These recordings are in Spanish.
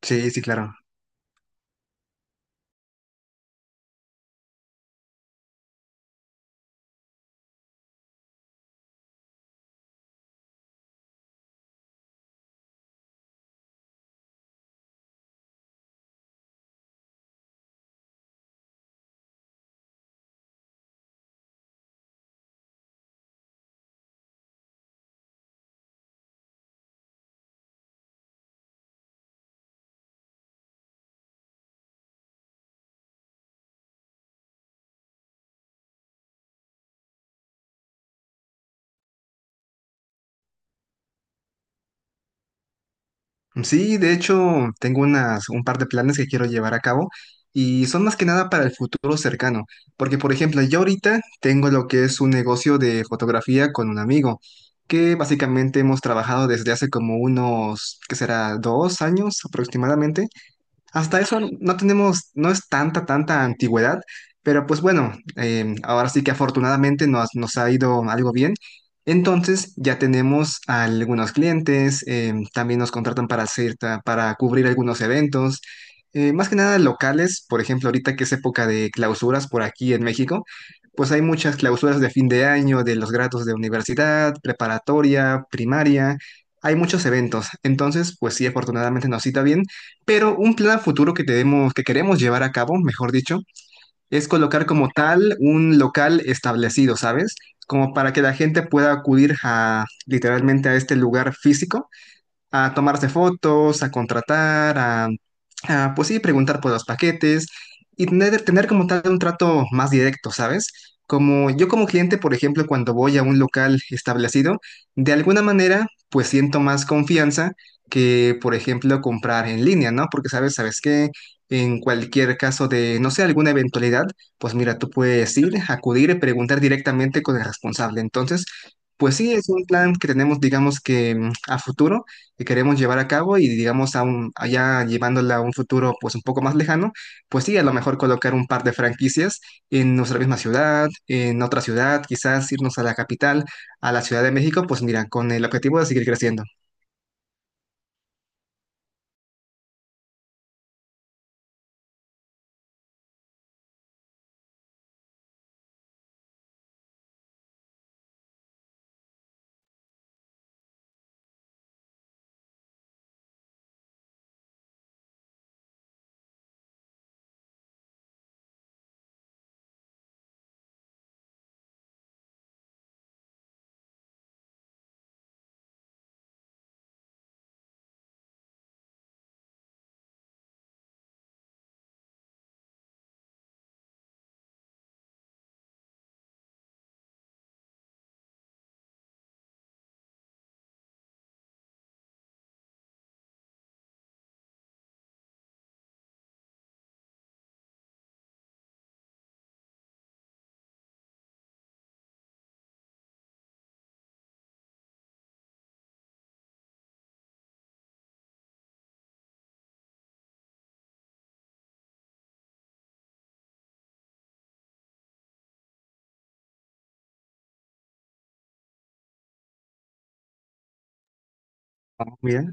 Sí, sí, claro. Sí, de hecho, tengo un par de planes que quiero llevar a cabo y son más que nada para el futuro cercano, porque por ejemplo, yo ahorita tengo lo que es un negocio de fotografía con un amigo, que básicamente hemos trabajado desde hace como unos, ¿qué será? 2 años aproximadamente. Hasta eso no tenemos, no es tanta antigüedad, pero pues bueno, ahora sí que afortunadamente nos ha ido algo bien. Entonces ya tenemos a algunos clientes, también nos contratan para cubrir algunos eventos, más que nada locales. Por ejemplo, ahorita que es época de clausuras por aquí en México, pues hay muchas clausuras de fin de año, de los grados de universidad, preparatoria, primaria, hay muchos eventos. Entonces, pues sí, afortunadamente nos cita bien, pero un plan a futuro que tenemos, que queremos llevar a cabo, mejor dicho, es colocar como tal un local establecido, ¿sabes? Como para que la gente pueda acudir a literalmente a este lugar físico a tomarse fotos, a contratar, pues sí, preguntar por los paquetes y tener como tal un trato más directo, ¿sabes? Como yo como cliente, por ejemplo, cuando voy a un local establecido, de alguna manera, pues siento más confianza que, por ejemplo, comprar en línea, ¿no? Porque, ¿sabes? ¿Sabes qué? En cualquier caso de, no sé, alguna eventualidad, pues mira, tú puedes ir, acudir y preguntar directamente con el responsable. Entonces, pues sí, es un plan que tenemos, digamos que a futuro, que queremos llevar a cabo, y digamos allá llevándola a un futuro pues un poco más lejano, pues sí, a lo mejor colocar un par de franquicias en nuestra misma ciudad, en otra ciudad, quizás irnos a la capital, a la Ciudad de México, pues mira, con el objetivo de seguir creciendo. ¿No? Mira.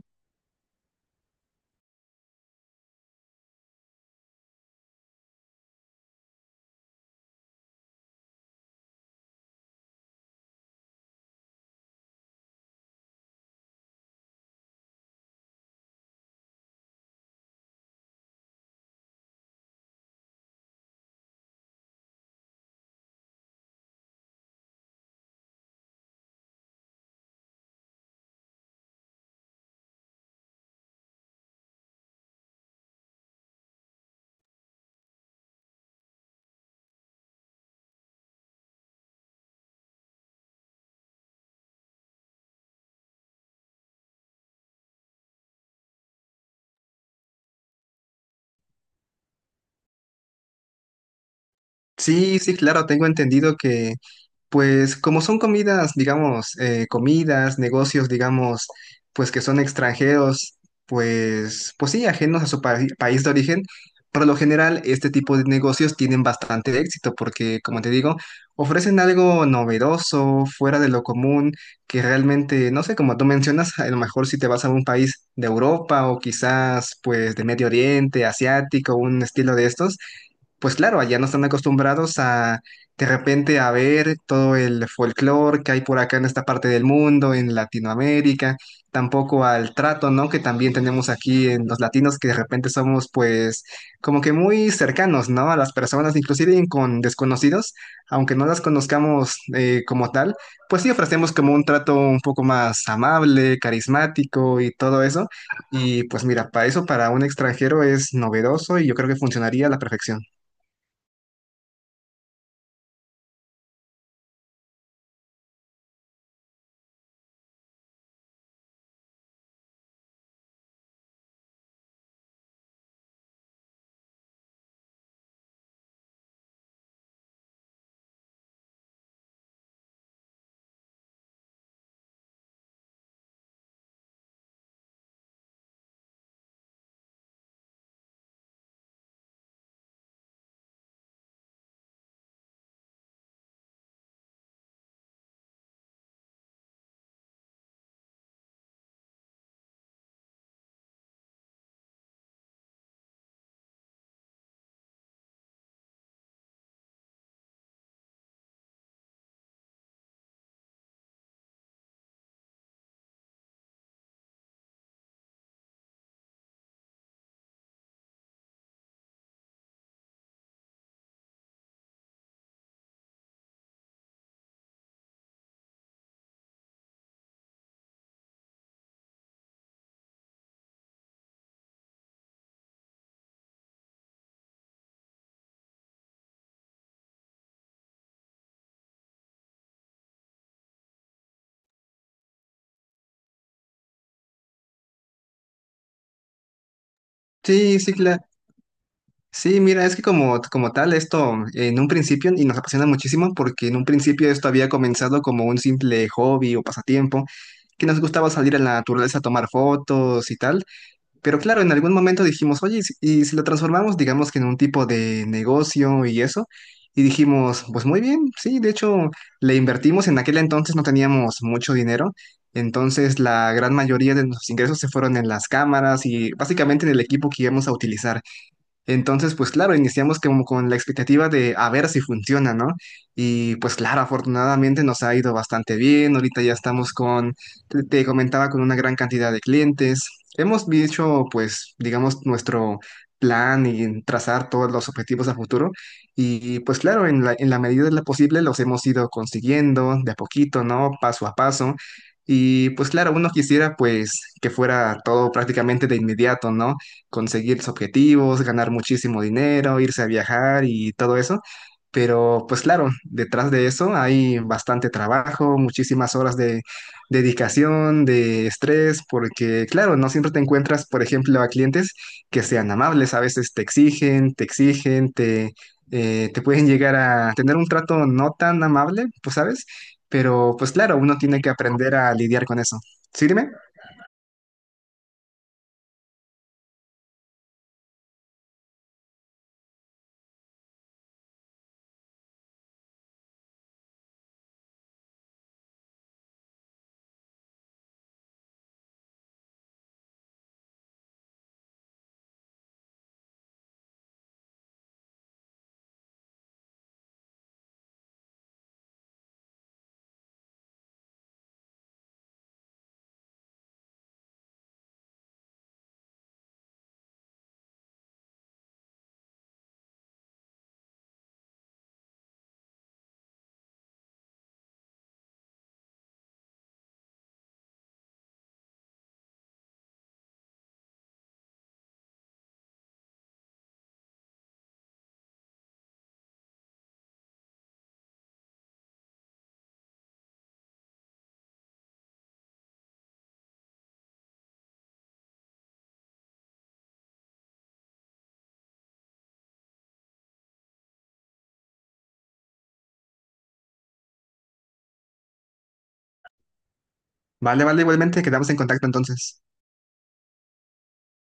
Sí, sí, claro, tengo entendido que, pues como son comidas, digamos, comidas, negocios, digamos, pues que son extranjeros, pues sí, ajenos a su país de origen, por lo general este tipo de negocios tienen bastante éxito porque, como te digo, ofrecen algo novedoso, fuera de lo común, que realmente, no sé, como tú mencionas, a lo mejor si te vas a un país de Europa o quizás pues de Medio Oriente, asiático, un estilo de estos, pues claro, allá no están acostumbrados a de repente a ver todo el folclore que hay por acá en esta parte del mundo, en Latinoamérica, tampoco al trato, ¿no? Que también tenemos aquí en los latinos, que de repente somos pues como que muy cercanos, ¿no? A las personas, inclusive con desconocidos, aunque no las conozcamos, como tal, pues sí ofrecemos como un trato un poco más amable, carismático y todo eso. Y pues mira, para eso, para un extranjero es novedoso y yo creo que funcionaría a la perfección. Sí, sí, claro. Sí, mira, es que como, como tal, esto en un principio, y nos apasiona muchísimo, porque en un principio esto había comenzado como un simple hobby o pasatiempo, que nos gustaba salir a la naturaleza a tomar fotos y tal. Pero claro, en algún momento dijimos, oye, y si lo transformamos, digamos, que en un tipo de negocio y eso, y dijimos, pues muy bien, sí, de hecho, le invertimos, en aquel entonces no teníamos mucho dinero, entonces la gran mayoría de nuestros ingresos se fueron en las cámaras y básicamente en el equipo que íbamos a utilizar. Entonces, pues claro, iniciamos como con la expectativa de a ver si funciona, ¿no? Y pues claro, afortunadamente nos ha ido bastante bien. Ahorita ya estamos con, te comentaba, con una gran cantidad de clientes. Hemos dicho, pues, digamos, nuestro plan, y trazar todos los objetivos a futuro. Y pues claro, en la medida de lo posible los hemos ido consiguiendo de a poquito, ¿no? Paso a paso. Y pues claro, uno quisiera pues que fuera todo prácticamente de inmediato, ¿no? Conseguir sus objetivos, ganar muchísimo dinero, irse a viajar y todo eso. Pero pues claro, detrás de eso hay bastante trabajo, muchísimas horas de dedicación, de estrés, porque claro, no siempre te encuentras, por ejemplo, a clientes que sean amables, a veces te exigen, te pueden llegar a tener un trato no tan amable, pues sabes, pero pues claro, uno tiene que aprender a lidiar con eso. ¿Sí, dime? Vale, vale, igualmente, quedamos en contacto entonces.